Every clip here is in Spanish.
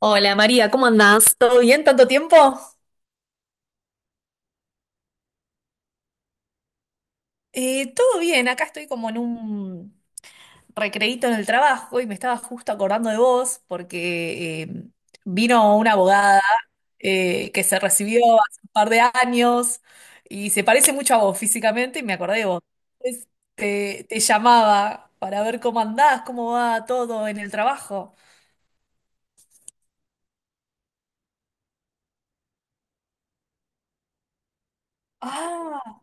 Hola María, ¿cómo andás? ¿Todo bien? ¿Tanto tiempo? Todo bien, acá estoy como en un recreíto en el trabajo y me estaba justo acordando de vos porque vino una abogada que se recibió hace un par de años y se parece mucho a vos físicamente y me acordé de vos. Entonces, te llamaba para ver cómo andás, cómo va todo en el trabajo. Ah,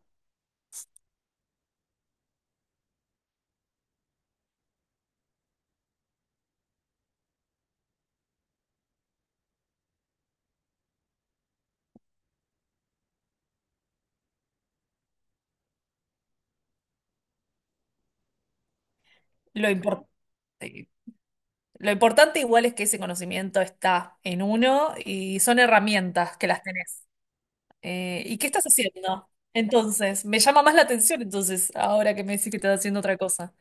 lo importante. Lo importante igual es que ese conocimiento está en uno y son herramientas que las tenés. ¿Y qué estás haciendo? Entonces, me llama más la atención entonces, ahora que me decís que estás haciendo otra cosa.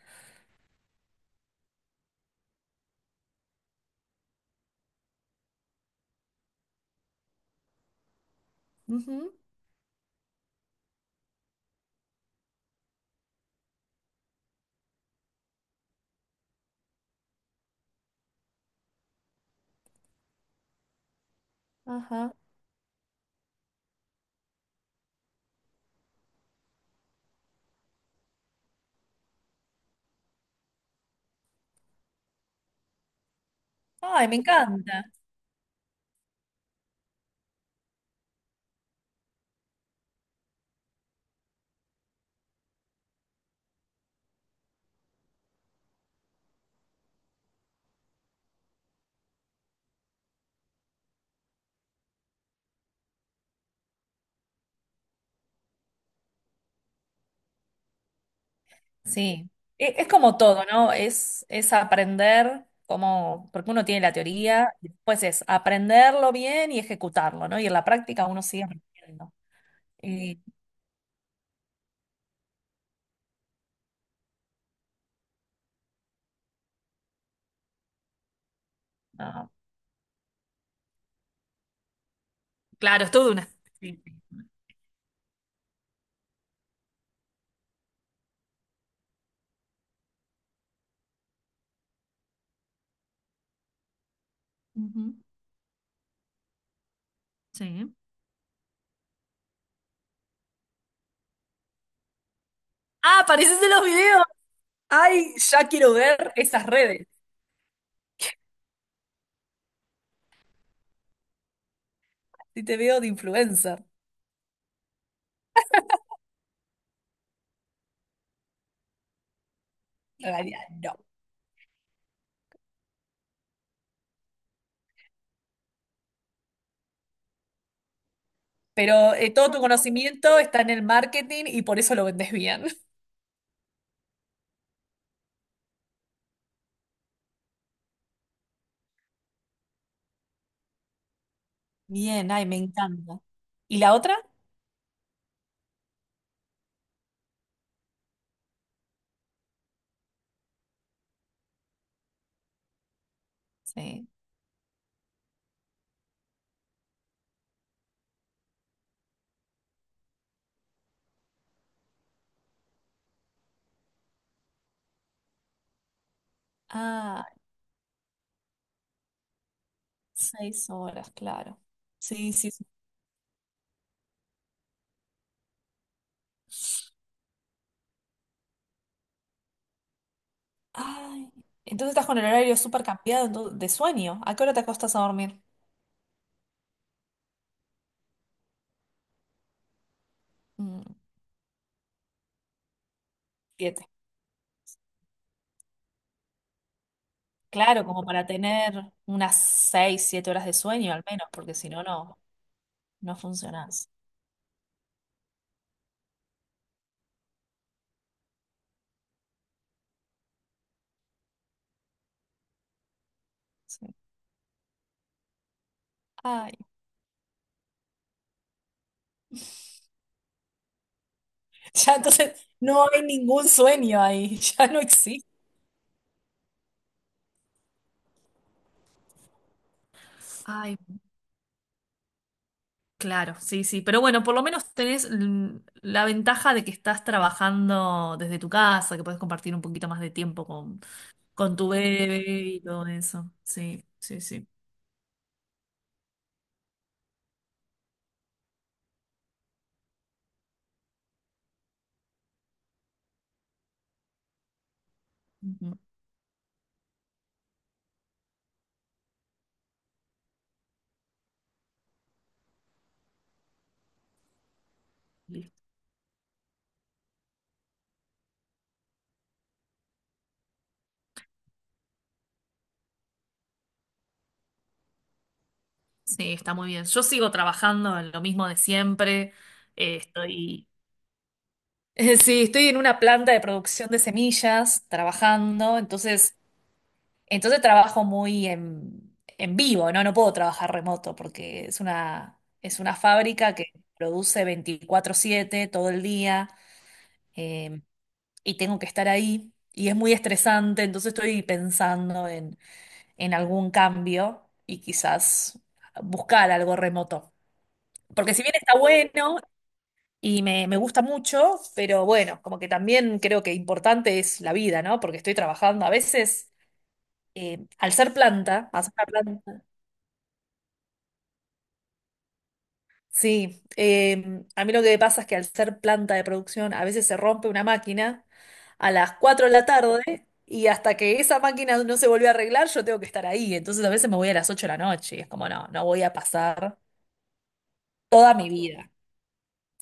Ujú, ajá. Ay, me encanta. Sí. Es, como todo, ¿no? Es aprender como, porque uno tiene la teoría, y después es aprenderlo bien y ejecutarlo, ¿no? Y en la práctica uno sigue aprendiendo. Y, ah, claro, es todo una... Sí. Ujú, sí. Ah, apareces en los videos. Ay, ya quiero ver esas redes. Si te veo de influencer. En realidad, no. Pero todo tu conocimiento está en el marketing y por eso lo vendes bien. Bien, ay, me encanta. ¿Y la otra? Sí. Ah, 6 horas, claro. Sí, sí, sí. Ay, entonces estás con el horario súper cambiado de sueño. ¿A qué hora te acostas a dormir? Mm, 7. Claro, como para tener unas 6, 7 horas de sueño al menos, porque si no, no. No funciona. Sí. Ay, ya entonces no hay ningún sueño ahí, ya no existe. Ay, claro, sí, sí. Pero bueno, por lo menos tenés la ventaja de que estás trabajando desde tu casa, que puedes compartir un poquito más de tiempo con tu bebé y todo eso. Sí, sí, sí. Ujú. Listo. Sí, está muy bien. Yo sigo trabajando en lo mismo de siempre. Eh, estoy, sí, estoy en una planta de producción de semillas trabajando, entonces entonces trabajo muy en vivo, ¿no? No puedo trabajar remoto porque es una fábrica que produce 24/7 todo el día eh, y tengo que estar ahí y es muy estresante, entonces estoy pensando en algún cambio y quizás buscar algo remoto. Porque si bien está bueno y me gusta mucho, pero bueno, como que también creo que importante es la vida, ¿no? Porque estoy trabajando a veces, al ser una planta. Sí, a mí lo que me pasa es que al ser planta de producción a veces se rompe una máquina a las 4 de la tarde y hasta que esa máquina no se volvió a arreglar yo tengo que estar ahí. Entonces a veces me voy a las 8 de la noche y es como, no, no voy a pasar toda mi vida.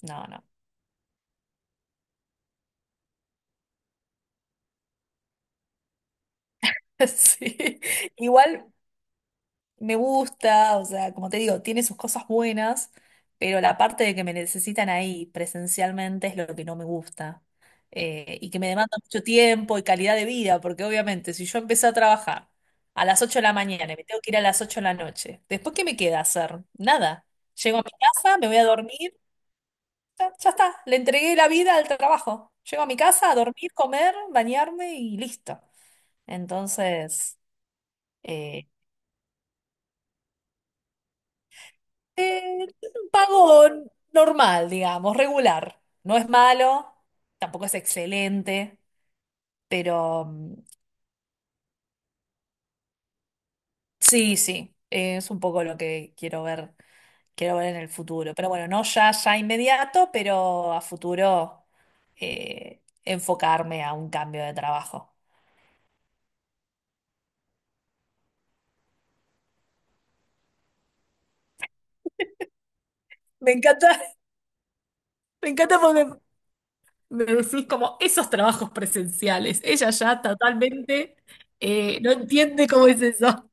No, no. Sí. Igual, me gusta, o sea, como te digo, tiene sus cosas buenas, pero la parte de que me necesitan ahí presencialmente es lo que no me gusta. Y que me demanda mucho tiempo y calidad de vida, porque obviamente si yo empecé a trabajar a las 8 de la mañana y me tengo que ir a las 8 de la noche, ¿después qué me queda hacer? Nada. Llego a mi casa, me voy a dormir, ya, ya está, le entregué la vida al trabajo. Llego a mi casa a dormir, comer, bañarme y listo. Entonces. eh, un pago normal, digamos, regular. No es malo, tampoco es excelente, pero mm, sí, sí, es un poco lo que quiero ver en el futuro. Pero bueno, no ya, ya inmediato, pero a futuro enfocarme a un cambio de trabajo. Me encanta, me encanta porque me decís como esos trabajos presenciales. Ella ya totalmente no entiende cómo es eso.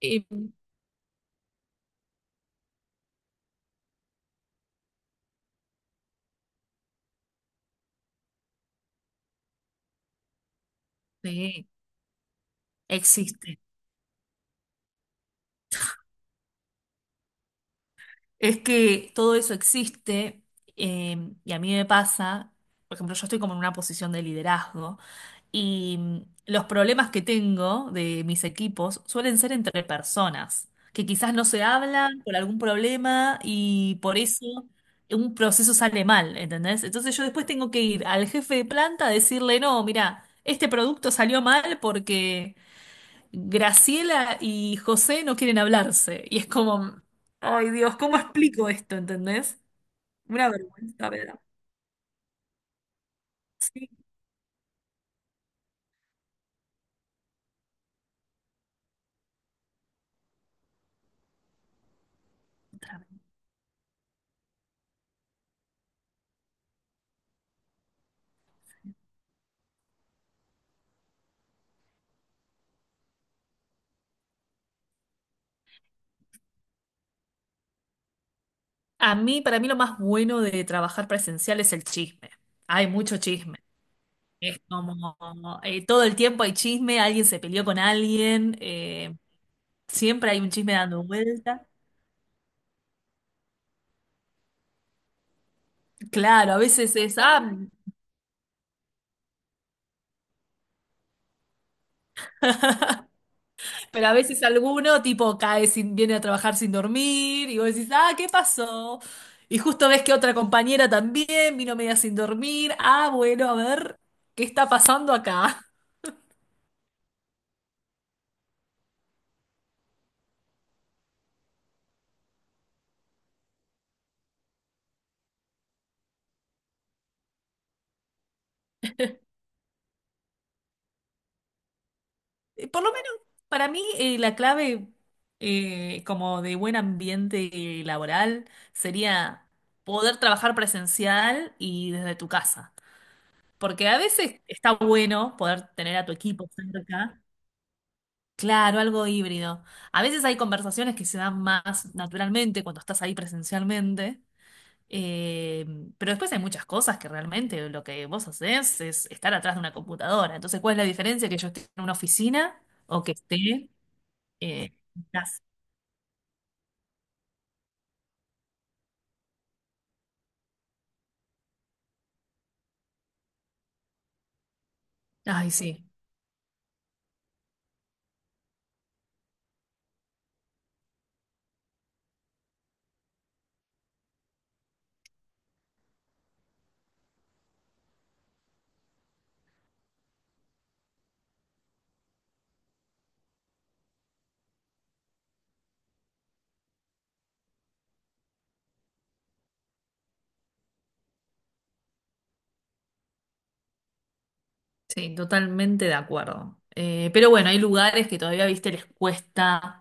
Y, sí, existe. Es que todo eso existe y a mí me pasa, por ejemplo, yo estoy como en una posición de liderazgo y los problemas que tengo de mis equipos suelen ser entre personas, que quizás no se hablan por algún problema y por eso un proceso sale mal, ¿entendés? Entonces yo después tengo que ir al jefe de planta a decirle, no, mira, este producto salió mal porque Graciela y José no quieren hablarse. Y es como, ay, Dios, ¿cómo explico esto? ¿Entendés? Una vergüenza, ¿verdad? Sí, otra vez. A mí, para mí lo más bueno de trabajar presencial es el chisme. Hay mucho chisme. Es como, todo el tiempo hay chisme, alguien se peleó con alguien, siempre hay un chisme dando vuelta. Claro, a veces pero a veces alguno tipo cae sin, viene a trabajar sin dormir y vos decís, ah, ¿qué pasó? Y justo ves que otra compañera también vino media sin dormir. Ah, bueno, a ver, ¿qué está pasando acá? Por lo menos para mí la clave como de buen ambiente laboral sería poder trabajar presencial y desde tu casa. Porque a veces está bueno poder tener a tu equipo cerca. Claro, algo híbrido. A veces hay conversaciones que se dan más naturalmente cuando estás ahí presencialmente, eh, pero después hay muchas cosas que realmente lo que vos hacés es estar atrás de una computadora. Entonces, ¿cuál es la diferencia que yo esté en una oficina o que esté en casa? Ay, sí, sí, totalmente de acuerdo. Pero bueno, hay lugares que todavía, viste, les cuesta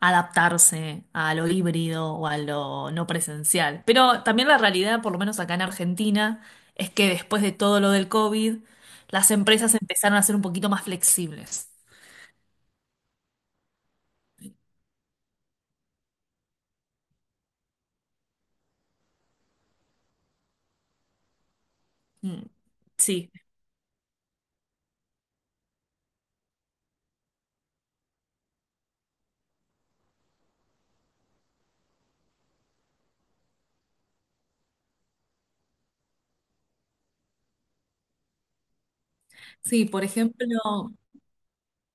adaptarse a lo híbrido o a lo no presencial. Pero también la realidad, por lo menos acá en Argentina, es que después de todo lo del COVID, las empresas empezaron a ser un poquito más flexibles. Mm, sí, sí, por ejemplo,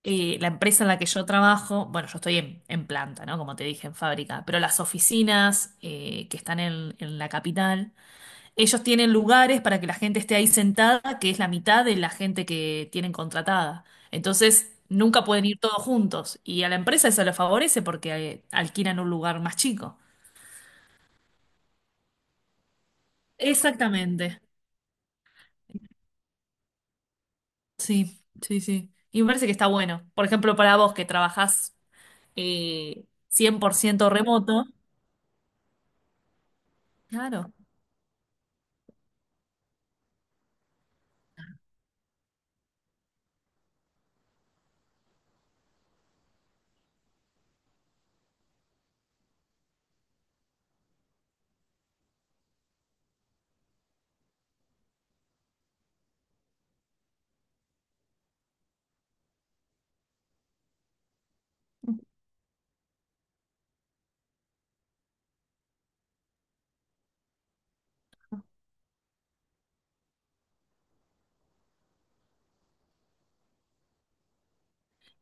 la empresa en la que yo trabajo, bueno, yo estoy en planta, ¿no? Como te dije, en fábrica, pero las oficinas que están en la capital, ellos tienen lugares para que la gente esté ahí sentada, que es la mitad de la gente que tienen contratada. Entonces, nunca pueden ir todos juntos. Y a la empresa eso lo favorece porque alquilan un lugar más chico. Exactamente. Sí, sí, sí. Y me parece que está bueno. Por ejemplo, para vos que trabajás 100% remoto. Claro.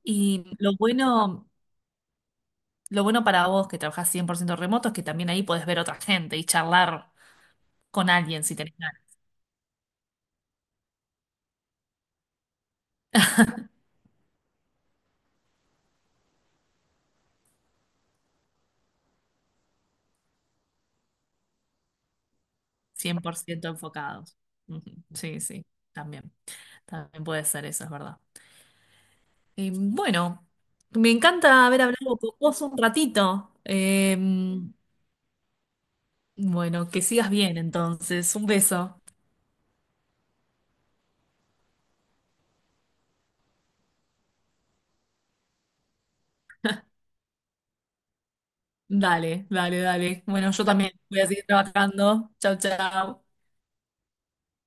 Y lo bueno para vos que trabajás 100% remoto es que también ahí podés ver otra gente y charlar con alguien si tenés ganas. 100% enfocados. Ujú. Sí, sí, también. También puede ser eso, es verdad. Bueno, me encanta haber hablado con vos un ratito. Bueno, que sigas bien entonces. Un beso. Dale, dale, dale. Bueno, yo también voy a seguir trabajando. Chau, chau.